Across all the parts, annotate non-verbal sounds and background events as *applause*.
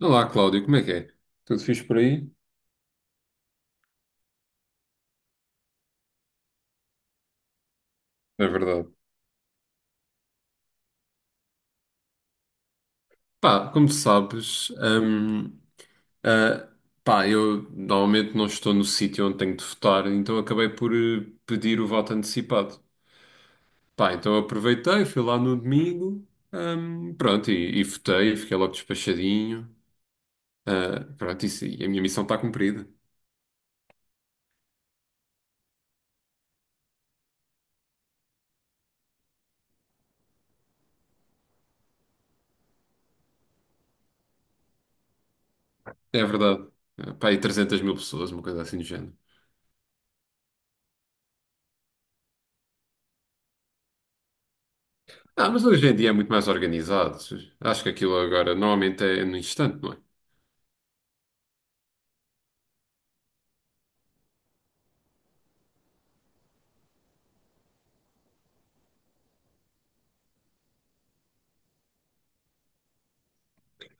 Olá, Cláudio, como é que é? Tudo fixe por aí? É verdade. Pá, como sabes, ah, pá, eu normalmente não estou no sítio onde tenho de votar, então acabei por pedir o voto antecipado. Pá, então aproveitei, fui lá no domingo, pronto, e votei, fiquei logo despachadinho. Pronto, isso, e a minha missão está cumprida. É verdade. Pá, e 300 mil pessoas, uma coisa assim do género. Mas hoje em dia é muito mais organizado. Acho que aquilo agora normalmente é no instante, não é?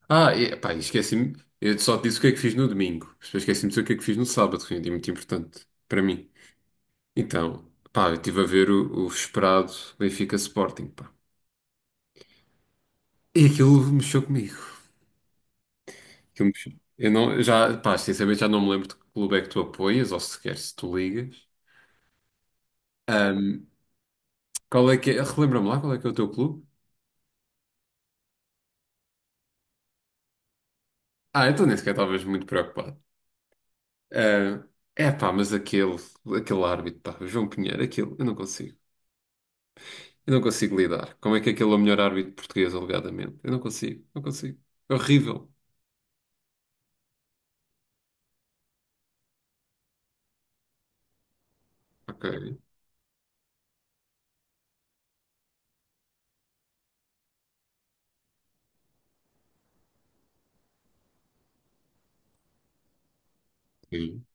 E, pá, e esqueci-me. Eu só te disse o que é que fiz no domingo. Mas depois esqueci-me de dizer o que é que fiz no sábado, que foi um dia muito importante para mim. Então, pá, eu estive a ver o esperado Benfica Sporting, pá. E aquilo mexeu comigo. Aquilo mexeu. Eu não, já, pá, sinceramente já não me lembro de que clube é que tu apoias, ou sequer se tu ligas. Qual é que é? Relembra-me lá qual é que é o teu clube? Então nem sequer estavas muito preocupado. Ah, É pá, mas aquele árbitro, pá, o João Pinheiro, aquele, eu não consigo. Eu não consigo lidar. Como é que aquele é o melhor árbitro português, alegadamente? Eu não consigo, não consigo. É horrível. Ok. Sim.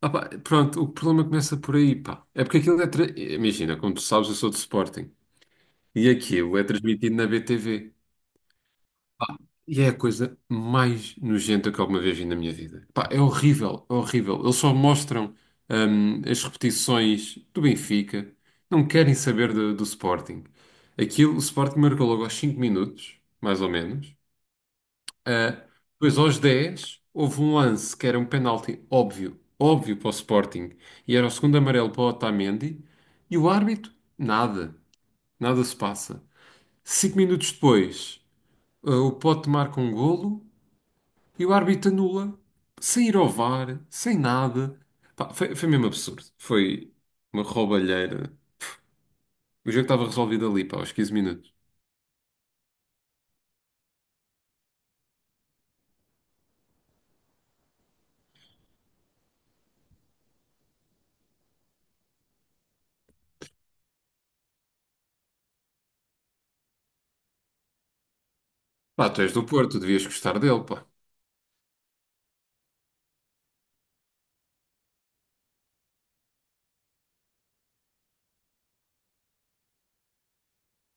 Pá, pronto, o problema começa por aí, pá. É porque aquilo é. Imagina, como tu sabes, eu sou de Sporting. E aquilo é transmitido na BTV. E é a coisa mais nojenta que alguma vez vi na minha vida. Pá, é horrível, é horrível. Eles só mostram, as repetições do Benfica. Não querem saber do Sporting. Aquilo, o Sporting marcou logo aos 5 minutos, mais ou menos. Ah, Depois, aos 10 houve um lance que era um penalti óbvio, óbvio para o Sporting, e era o segundo amarelo para o Otamendi, e o árbitro, nada, nada se passa. 5 minutos depois, o Pote marca um golo e o árbitro anula, sem ir ao VAR, sem nada. Pá, foi mesmo absurdo. Foi uma roubalheira. O jogo estava resolvido ali, pá, aos 15 minutos. Pá, tu és do Porto, devias gostar dele, pá.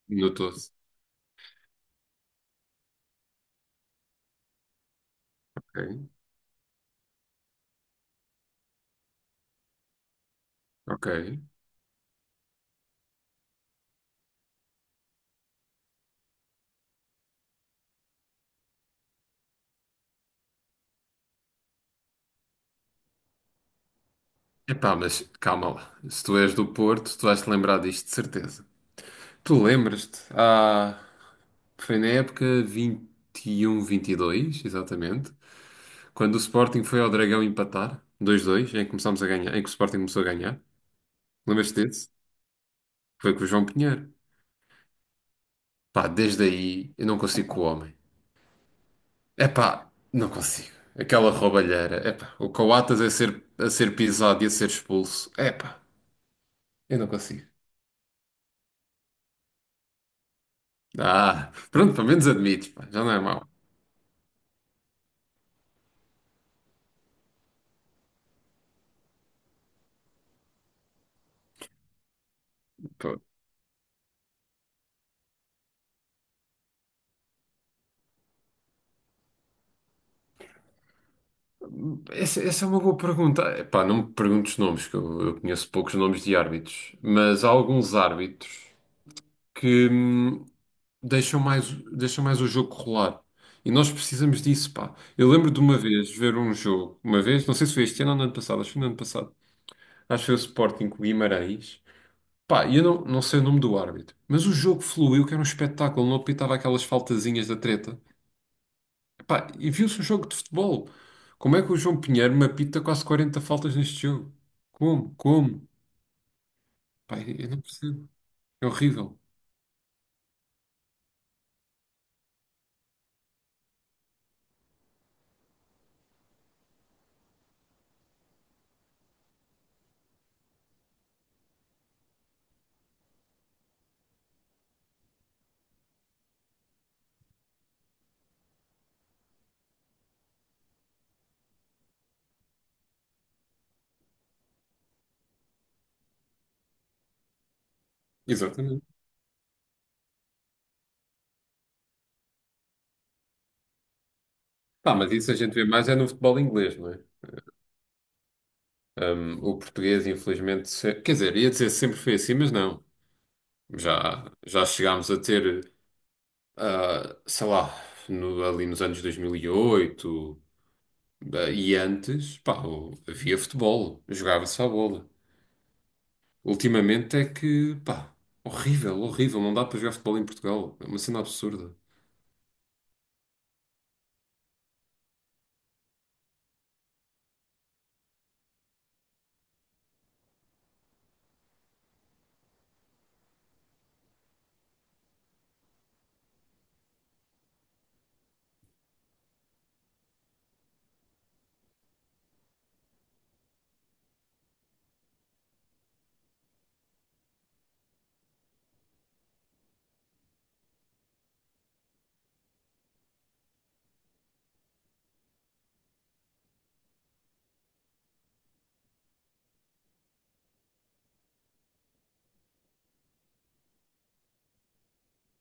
Notou-se. Ok, ok. Epá, mas calma lá. Se tu és do Porto, tu vais-te lembrar disto, de certeza. Tu lembras-te? Foi na época 21, 22, exatamente, quando o Sporting foi ao Dragão empatar, 2-2, em que começámos a ganhar, em que o Sporting começou a ganhar. Lembras-te desse? Foi com o João Pinheiro. Pá, desde aí eu não consigo com o homem. Epá, não consigo. Aquela roubalheira. Epá, o Coatas a ser pisado e a ser expulso. Epá, eu não consigo. Pronto, pelo menos admites, pá, já não é mau. Essa é uma boa pergunta. Epá, não me perguntes os nomes, que eu conheço poucos nomes de árbitros, mas há alguns árbitros que deixam mais o jogo rolar. E nós precisamos disso, pá. Eu lembro de uma vez ver um jogo, uma vez, não sei se foi este ano ou no ano passado, acho que foi no ano passado, acho que foi o Sporting com o Guimarães. Pá, e eu não sei o nome do árbitro, mas o jogo fluiu, que era um espetáculo, não apitava aquelas faltazinhas da treta. Pá, e viu-se o jogo de futebol. Como é que o João Pinheiro me apita quase 40 faltas neste jogo? Como? Como? Pá, eu não percebo. É horrível. Exatamente. Pá, mas isso a gente vê mais é no futebol inglês, não é? O português, infelizmente, quer dizer, ia dizer sempre foi assim, mas não. Já chegámos a ter, sei lá, ali nos anos 2008, e antes, pá, havia futebol, jogava-se à bola. Ultimamente é que, pá, horrível, horrível. Não dá para jogar futebol em Portugal. É uma cena absurda.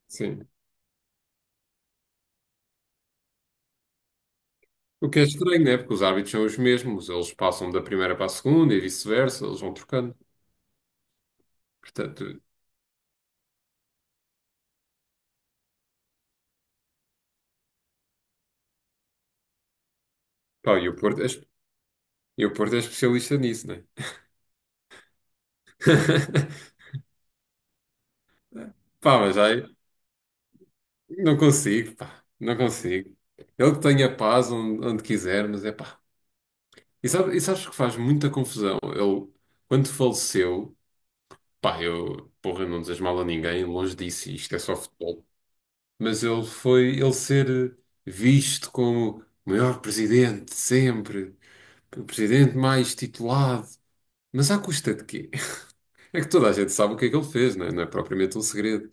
Sim. O que é estranho, né? Porque os árbitros são os mesmos. Eles passam da primeira para a segunda e vice-versa. Eles vão trocando. Portanto, pá, e o Porto é especialista nisso, né? *laughs* Pá, mas aí não consigo, pá, não consigo. Ele que tenha paz onde quiser, mas é pá. E sabes que faz muita confusão? Ele, quando faleceu, pá, eu, porra, eu não desejo mal a ninguém, longe disso, isto é só futebol. Mas ele ser visto como o maior presidente de sempre, o presidente mais titulado. Mas à custa de quê? *laughs* É que toda a gente sabe o que é que ele fez, não é? Não é propriamente um segredo.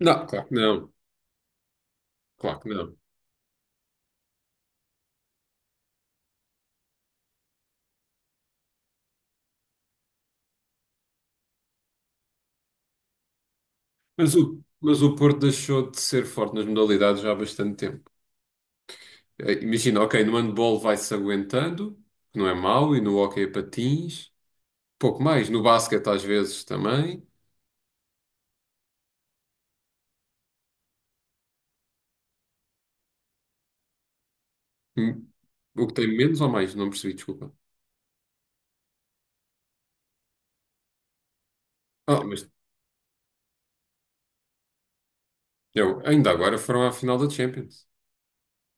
Não, claro que não, claro que não. Mas o Porto deixou de ser forte nas modalidades já há bastante tempo. Imagina, ok, no handball vai-se aguentando, que não é mau, e no hóquei a patins, pouco mais. No basquete às vezes também. Hum, O que tem menos ou mais? Não percebi, desculpa. Mas ainda agora foram à final da Champions.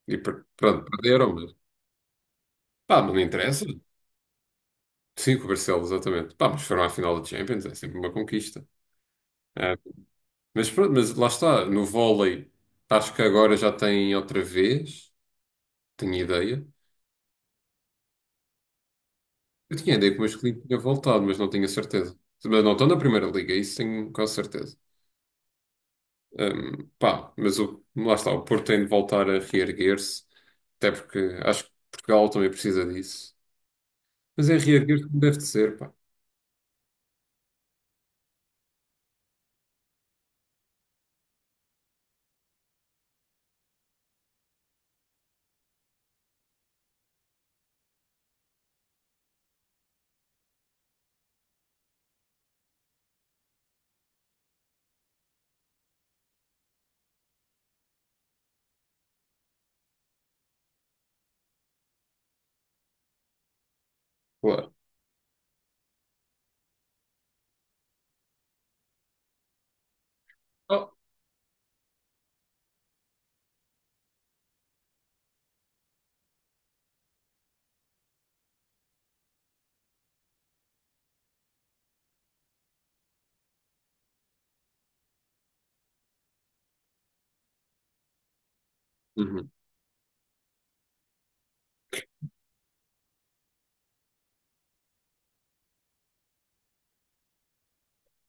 E pronto, perderam, mas pá, mas não interessa. Sim, com o Barcelos, exatamente. Pá, mas foram à final da Champions, é sempre uma conquista. É. Mas pronto, mas lá está, no vôlei, acho que agora já tem outra vez, tenho ideia. Eu tinha ideia que o masculino tinha voltado, mas não tinha certeza. Mas não estão na primeira liga, isso tenho quase certeza. Pá, lá está, o Porto tem de voltar a reerguer-se, até porque acho que Portugal também precisa disso. Mas é reerguer-se como deve de ser, pá. Claro. Oh, uhum.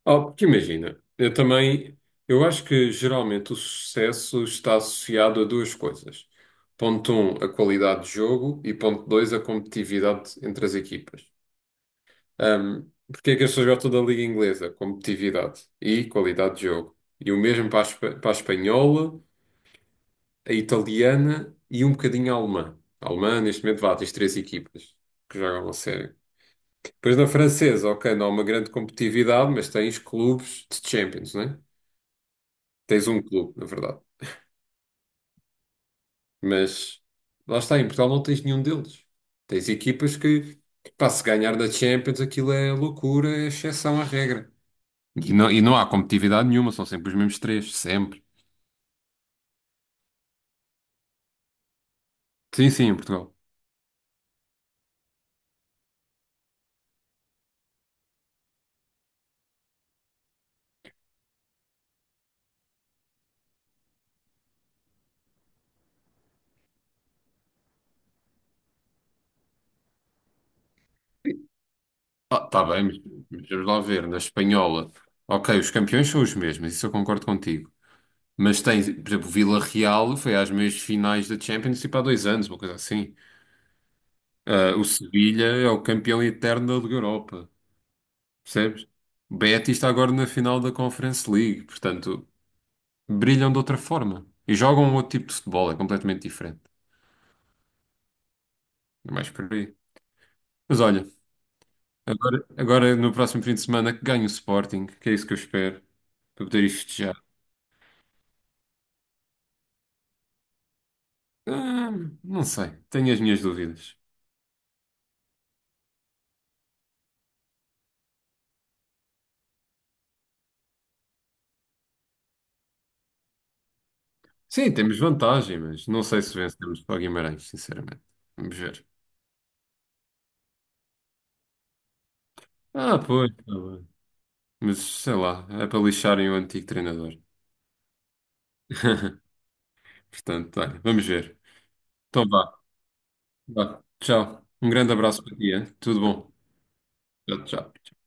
Oh, porque imagina, eu também, eu acho que geralmente o sucesso está associado a duas coisas. Ponto um, a qualidade de jogo e ponto dois, a competitividade entre as equipas. Um, porque é que as pessoas gostam da Liga Inglesa? Competitividade e qualidade de jogo. E o mesmo para a espanhola, a italiana e um bocadinho a alemã. A alemã, neste momento, vá, tens três equipas que jogam a sério. Depois na francesa, ok, não há uma grande competitividade, mas tens clubes de Champions, né? Tens um clube, na verdade. Mas lá está, em Portugal não tens nenhum deles. Tens equipas que, pá, se ganhar da Champions, aquilo é loucura, é exceção à regra. E não há competitividade nenhuma, são sempre os mesmos três, sempre. Sim, sim, em Portugal. Tá bem, mas vamos lá ver, na espanhola. Ok, os campeões são os mesmos, isso eu concordo contigo. Mas tens, por exemplo, o Vila Real foi às meias finais da Champions, tipo há 2 anos, uma coisa assim. O Sevilha é o campeão eterno da Liga Europa, percebes? O Betis está agora na final da Conference League, portanto, brilham de outra forma e jogam um outro tipo de futebol, é completamente diferente. É mais por aí. Mas olha, agora no próximo fim de semana que ganho o Sporting, que é isso que eu espero, para poder ir festejar. Ah, não sei, tenho as minhas dúvidas. Sim, temos vantagem, mas não sei se vencemos para o Guimarães, sinceramente. Vamos ver. Pois, tá bem. Mas sei lá, é para lixarem o antigo treinador. *laughs* Portanto, olha, vamos ver. Então vá, vá. Tchau. Um grande abraço para ti, hein? Tudo bom. Tchau, tchau.